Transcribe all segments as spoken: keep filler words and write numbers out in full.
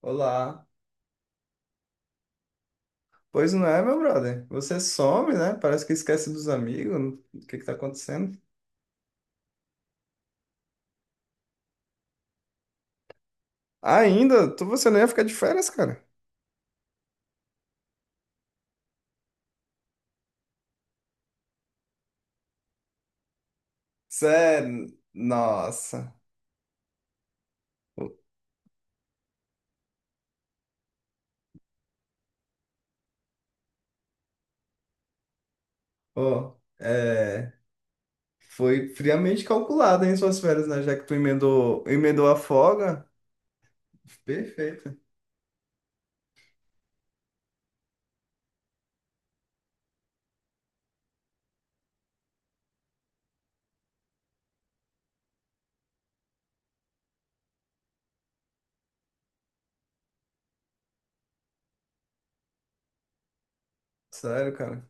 Olá. Pois não é, meu brother? Você some, né? Parece que esquece dos amigos. O que que tá acontecendo? Ainda? Tu, você não ia ficar de férias, cara? Sério? Nossa. Ó, é... Foi friamente calculado, hein, suas férias, né? Já que tu emendou, emendou a folga. Perfeito. Sério, cara.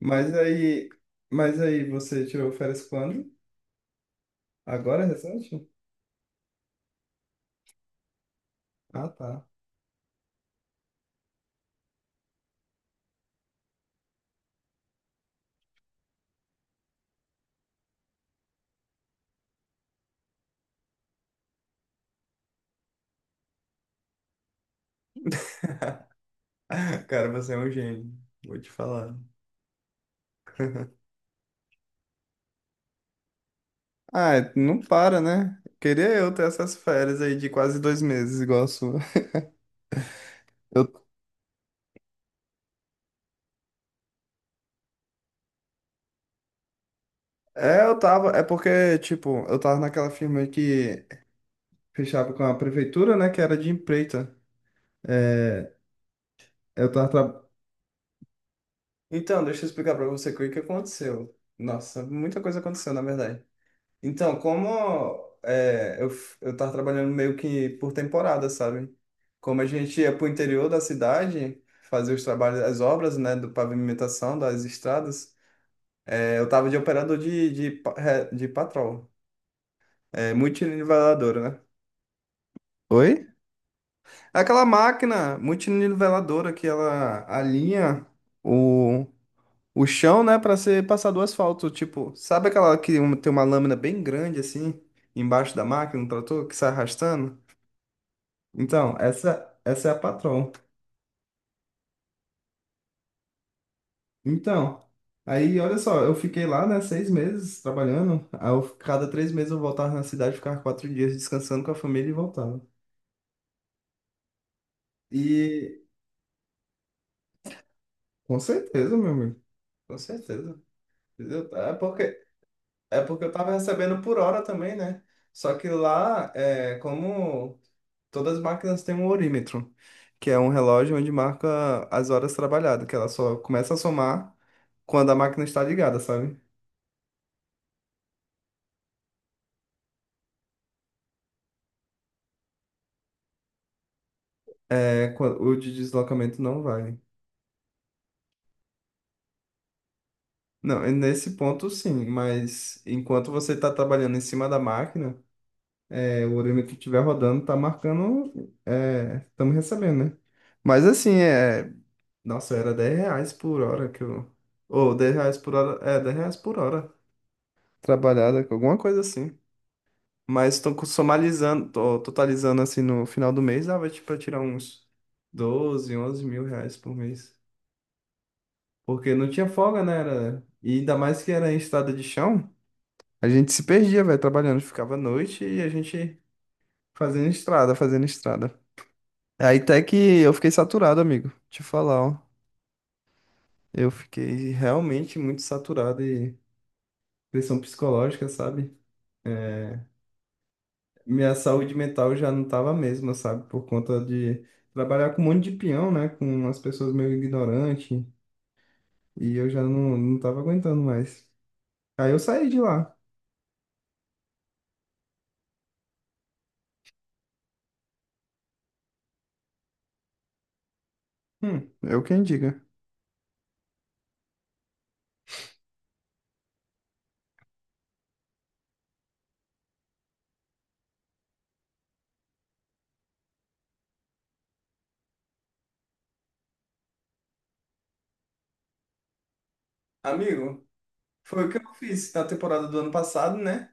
Mas aí... Mas aí, você tirou férias quando? Agora, recente? Ah, tá. Cara, você é um gênio. Vou te falar. Ah, não para, né? Queria eu ter essas férias aí de quase dois meses, igual a sua. Eu, é, eu tava. É porque, tipo, eu tava naquela firma que fechava com a prefeitura, né? Que era de empreita. É, eu tava. tra- Então, deixa eu explicar pra você o que que aconteceu. Nossa, muita coisa aconteceu, na verdade. Então, como é, eu, f- eu tava trabalhando meio que por temporada, sabe? Como a gente ia pro interior da cidade fazer os trabalhos, as obras, né? Do pavimentação das estradas. Eu tava de operador de, de, pa- é, de patrol. É, multiniveladora, né? Oi? Aquela máquina multiniveladora que ela alinha o, o chão, né, para ser passado o asfalto. Tipo, sabe aquela que um- tem uma lâmina bem grande assim, embaixo da máquina, um trator que sai arrastando? Então, essa, essa é a patrol. Então, aí olha só, eu fiquei lá, né, seis meses trabalhando. Aí eu- cada três meses eu voltava na cidade, ficava quatro dias descansando com a família e voltava. E Com certeza, meu amigo. Com certeza. Entendeu? É porque, é porque eu tava recebendo por hora também, né? Só que lá, é, como todas as máquinas têm um horímetro, que é um relógio onde marca as horas trabalhadas, que ela só começa a somar quando a máquina está ligada, sabe? É, quan- o de deslocamento não vale. Não, e nesse ponto sim, mas enquanto você está trabalhando em cima da máquina, é, o horímetro estiver rodando, tá marcando, estamos recebendo, né? Mas assim, é, Nossa, era dez reais por hora que eu. Ou dez reais por hora. É, dez reais por hora. Trabalhada, alguma coisa assim. Mas tô co- somalizando, tô totalizando assim no final do mês, dava tipo pra tirar uns doze onze mil reais por mês. Porque não tinha folga, né? Era... E ainda mais que era em estrada de chão, a gente se perdia, velho, trabalhando. Ficava à noite e a gente fazendo estrada, fazendo estrada. Aí até que eu fiquei saturado, amigo. Te falar, ó. Eu fiquei realmente muito saturado pressão psicológica, sabe? É, minha saúde mental já não tava a mesma, sabe? Por conta de trabalhar com um monte de peão, né? Com umas pessoas meio ignorantes. E eu já não, não tava aguentando mais. Aí eu saí de lá. Hum, eu quem diga. Amigo, foi o que eu fiz na temporada do ano passado, né?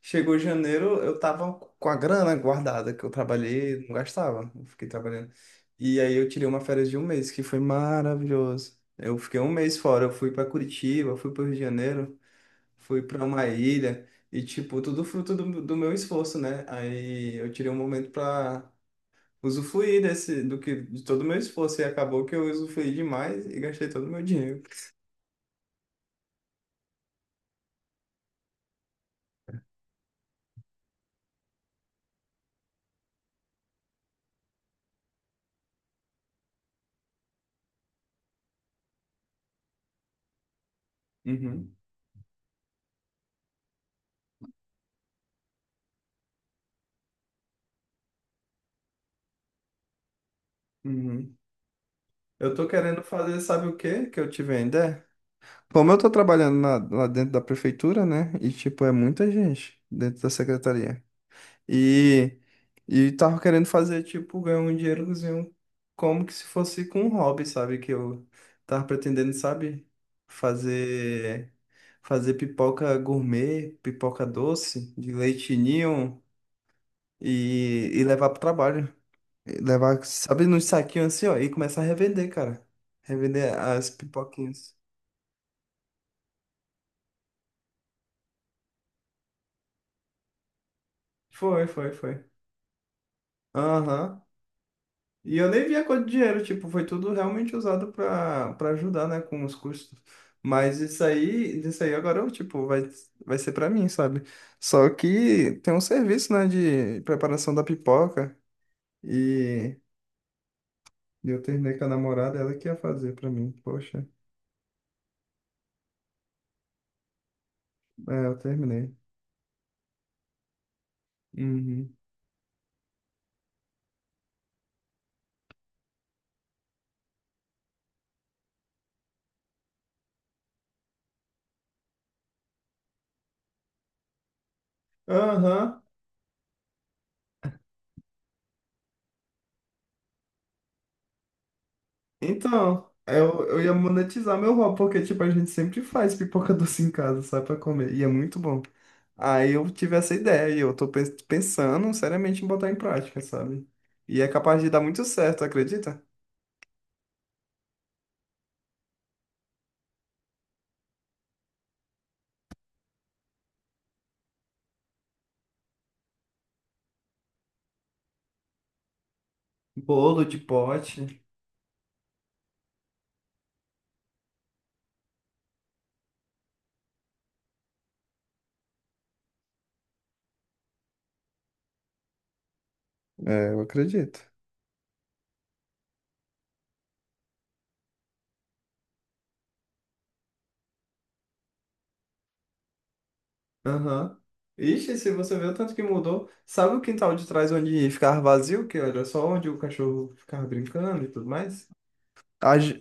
Chegou janeiro, eu tava com a grana guardada que eu trabalhei, não gastava, eu fiquei trabalhando. E aí eu tirei uma férias de um mês, que foi maravilhoso. Eu fiquei um mês fora, eu fui pra Curitiba, fui pro Rio de Janeiro, fui pra uma ilha, e tipo, tudo fruto do, do meu esforço, né? Aí eu tirei um momento pra usufruir desse, do que, de todo o meu esforço, e acabou que eu usufruí demais e gastei todo o meu dinheiro. Uhum, uhum. Eu tô querendo fazer, sabe o quê? Que eu tive ainda? Como eu tô trabalhando na- lá dentro da prefeitura, né? E, tipo, é muita gente dentro da secretaria. E, e tava querendo fazer, tipo, ganhar um dinheirozinho como que se fosse com um hobby, sabe? Que eu tava pretendendo, sabe? Fazer, fazer pipoca gourmet, pipoca doce, de leite ninho e, e levar pro trabalho. E levar, sabe, nos saquinhos assim, ó, e começar a revender, cara. Revender as pipoquinhas. Foi, foi, foi. Aham. E eu nem vi a cor de dinheiro, tipo, foi tudo realmente usado para para ajudar, né, com os custos. Mas isso aí, isso aí agora, eu, tipo, vai, vai ser para mim, sabe? Só que tem um serviço, né, de preparação da pipoca e eu terminei com a namorada, ela que ia fazer para mim. Poxa, é, eu terminei. Uhum. Aham. Então, eu, eu ia monetizar meu hobby, porque, tipo, a gente sempre faz pipoca doce em casa, sabe pra comer, e é muito bom. Aí eu tive essa ideia, e eu tô pens- pensando seriamente em botar em prática, sabe? E é capaz de dar muito certo, acredita? Bolo de pote. É, eu acredito. Aham. Ixi, se você vê o tanto que mudou, sabe o quintal de trás onde ficava vazio, que era só onde o cachorro ficava brincando e tudo mais? A ge-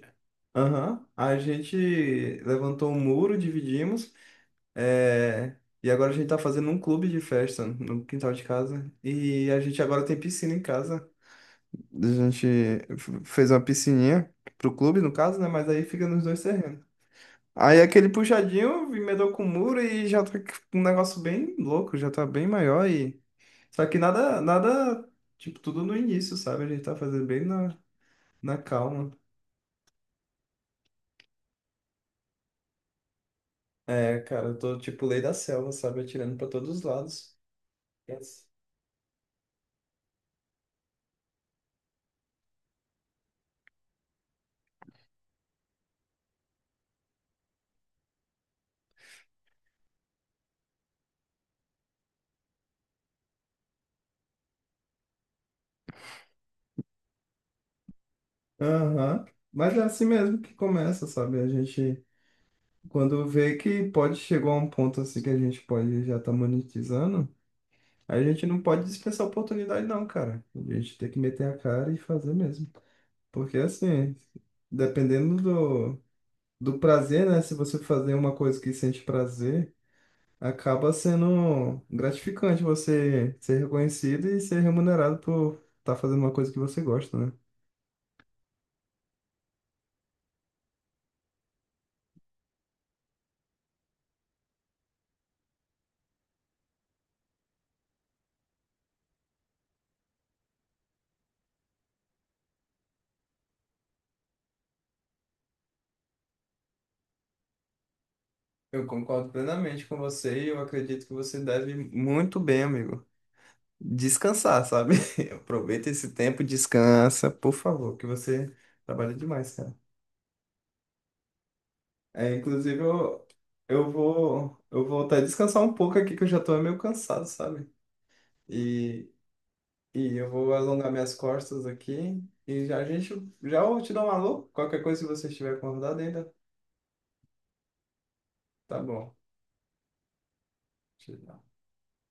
Aham. A gente levantou um muro, dividimos, É, e agora a gente tá fazendo um clube de festa no quintal de casa. E a gente agora tem piscina em casa. A gente f- fez uma piscininha pro clube, no caso, né? Mas aí fica nos dois terrenos. Aí aquele puxadinho emendou com o muro e já tá um negócio bem louco, já tá bem maior e. Só que nada, nada, tipo, tudo no início, sabe? A gente tá fazendo bem na, na calma. É, cara, eu tô tipo lei da selva, sabe? Atirando pra todos os lados. Aham. Mas é assim mesmo que começa, sabe? A gente, quando vê que pode chegar a um ponto assim que a gente pode já estar monetizando, a gente não pode dispensar a oportunidade, não, cara. A gente tem que meter a cara e fazer mesmo. Porque assim, dependendo do, do prazer, né? Se você fazer uma coisa que sente prazer, acaba sendo gratificante você ser reconhecido e ser remunerado por estar fazendo uma coisa que você gosta, né? Eu concordo plenamente com você e eu acredito que você deve muito bem, amigo. Descansar, sabe? Aproveita esse tempo, descansa, por favor, que você trabalha demais, cara. É, inclusive, eu, eu vou eu vou até descansar um pouco aqui, que eu já tô meio cansado, sabe? E, e eu vou alongar minhas costas aqui e já a gente já eu te dou um alô. Qualquer coisa, se você estiver acordado ainda, tá bom. Te dá.